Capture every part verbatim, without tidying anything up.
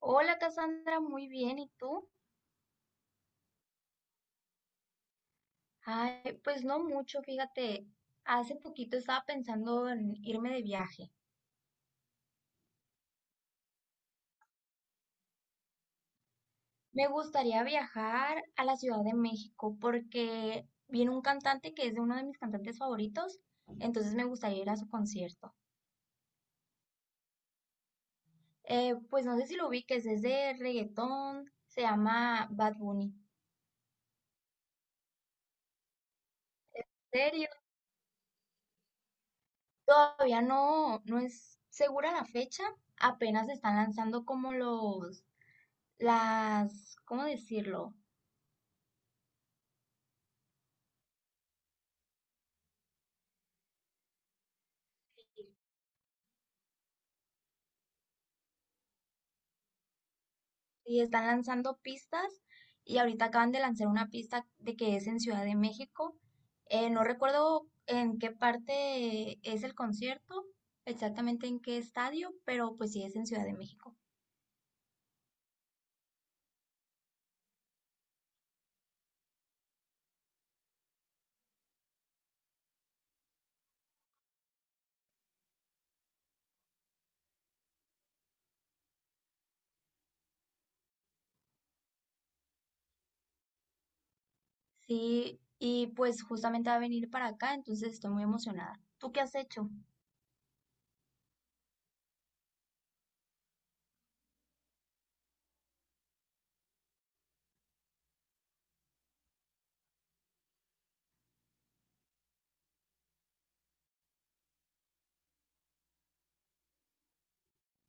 Hola Cassandra, muy bien, ¿y tú? Ay, pues no mucho, fíjate, hace poquito estaba pensando en irme de viaje. Me gustaría viajar a la Ciudad de México porque viene un cantante que es de uno de mis cantantes favoritos, entonces me gustaría ir a su concierto. Eh, pues no sé si lo ubiques, es de reggaetón, se llama Bad Bunny. ¿En serio? Todavía no, no es segura la fecha, apenas están lanzando como los, las, ¿cómo decirlo? Y están lanzando pistas y ahorita acaban de lanzar una pista de que es en Ciudad de México. Eh, no recuerdo en qué parte es el concierto, exactamente en qué estadio, pero pues sí es en Ciudad de México. Sí, y pues justamente va a venir para acá, entonces estoy muy emocionada. ¿Tú qué has hecho?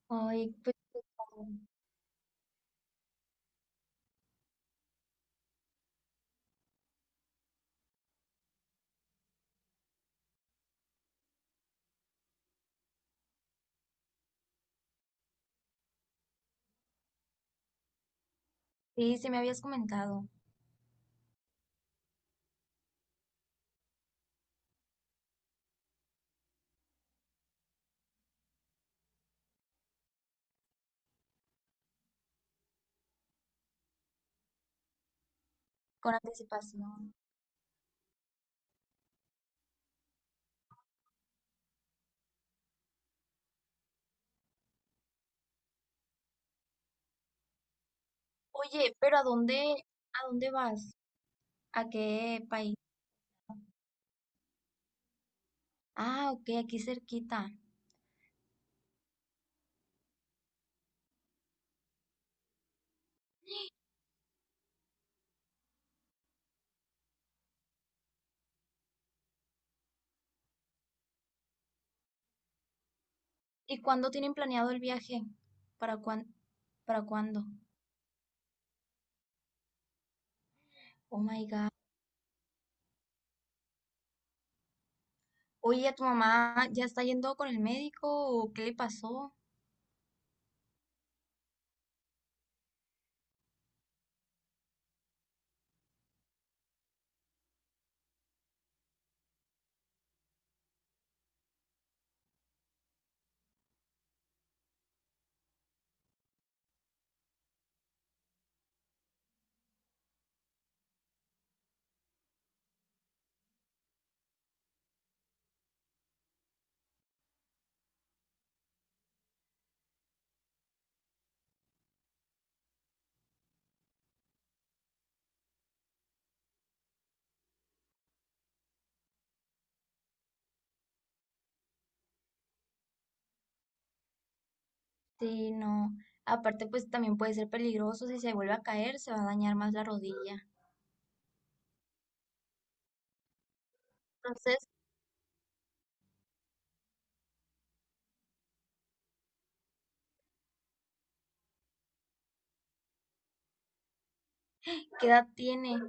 Ay, pues qué padre. Sí, sí me habías comentado con anticipación. Oye, pero ¿a dónde, ¿a dónde vas? ¿A qué país? Ah, ok, aquí cerquita. ¿Y cuándo tienen planeado el viaje? ¿Para cuán, ¿Para cuándo? Oh my God. Oye, ¿tu mamá ya está yendo con el médico o qué le pasó? Sí, no. Aparte, pues también puede ser peligroso. Si se vuelve a caer, se va a dañar más la rodilla. Entonces, ¿qué edad tiene?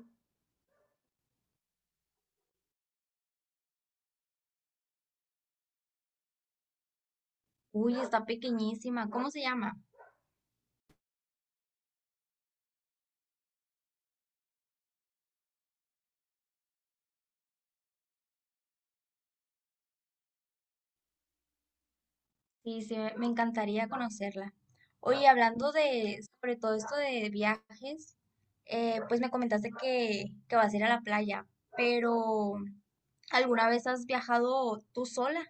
Uy, está pequeñísima. ¿Cómo se llama? Sí, sí, me me encantaría conocerla. Oye, claro, hablando de, sobre todo esto de viajes, eh, pues me comentaste que, que vas a ir a la playa, pero ¿alguna vez has viajado tú sola?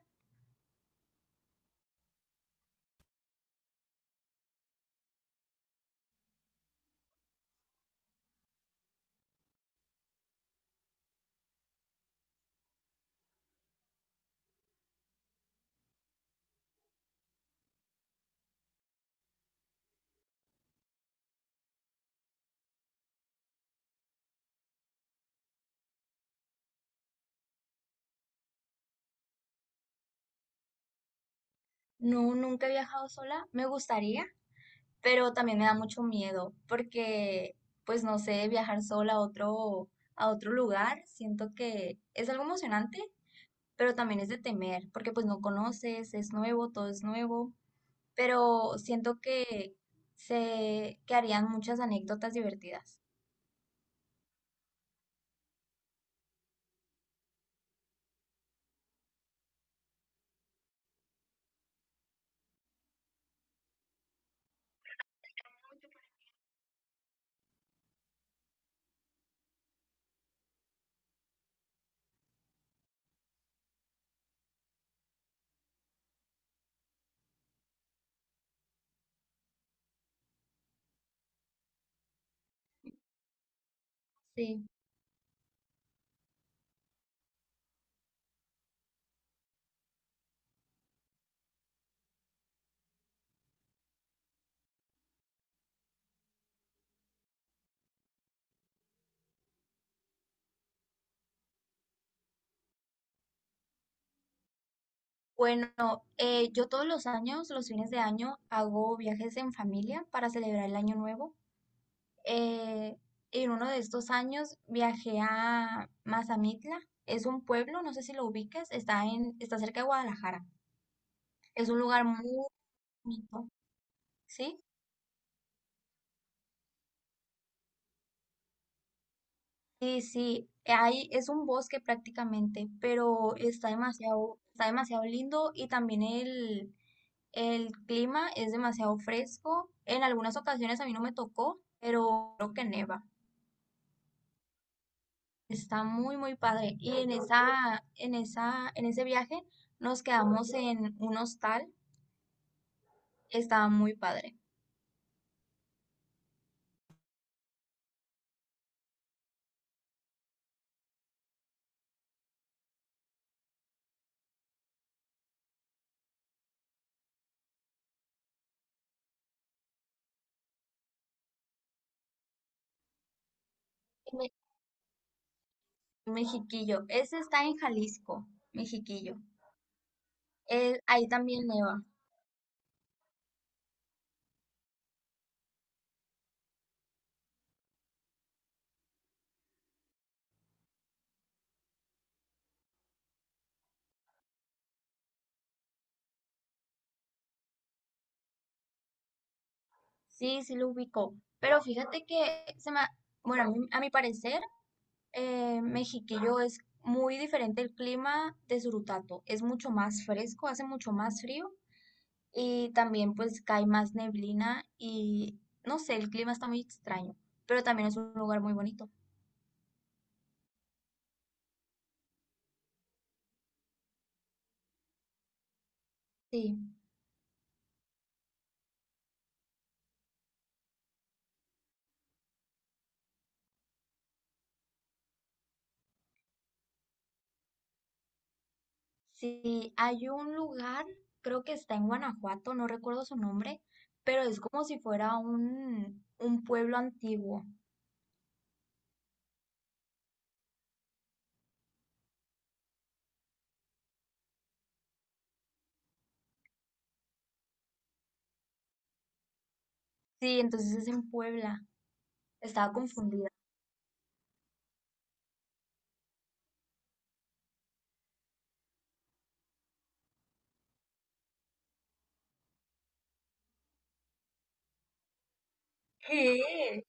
No, nunca he viajado sola, me gustaría, pero también me da mucho miedo, porque pues no sé, viajar sola a otro, a otro lugar, siento que es algo emocionante, pero también es de temer, porque pues no conoces, es nuevo, todo es nuevo. Pero siento que se que harían muchas anécdotas divertidas. Sí. Bueno, eh, yo todos los años, los fines de año, hago viajes en familia para celebrar el año nuevo. Eh, en uno de estos años viajé a Mazamitla. Es un pueblo, no sé si lo ubicas, está en, está cerca de Guadalajara. Es un lugar muy bonito, ¿sí? Sí, sí, ahí es un bosque prácticamente, pero está demasiado, está demasiado lindo y también el, el clima es demasiado fresco. En algunas ocasiones a mí no me tocó, pero creo que neva. Está muy, muy padre. Y en esa, en esa, en ese viaje nos quedamos en un hostal. Estaba muy padre. Me- Mexiquillo. Ese está en Jalisco, Mexiquillo. Eh, ahí también neva. Sí, sí lo ubicó. Pero fíjate que se me, bueno, a mí- a mi parecer, eh, Mexiquillo es muy diferente el clima de Surutato. Es mucho más fresco, hace mucho más frío y también pues cae más neblina y no sé, el clima está muy extraño, pero también es un lugar muy bonito. Sí, sí, hay un lugar, creo que está en Guanajuato, no recuerdo su nombre, pero es como si fuera un, un pueblo antiguo. Sí, entonces es en Puebla. Estaba confundida. ¿Qué?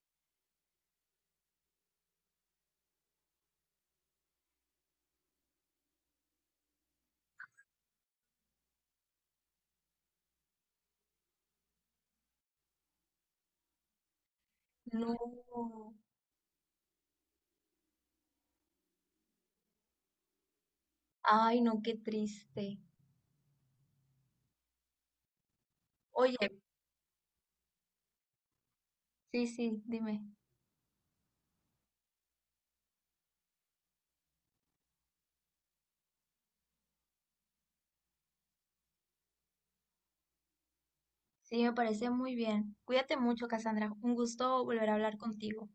No. Ay, no, qué triste. Oye, sí, sí, dime. Sí, me parece muy bien. Cuídate mucho, Cassandra. Un gusto volver a hablar contigo.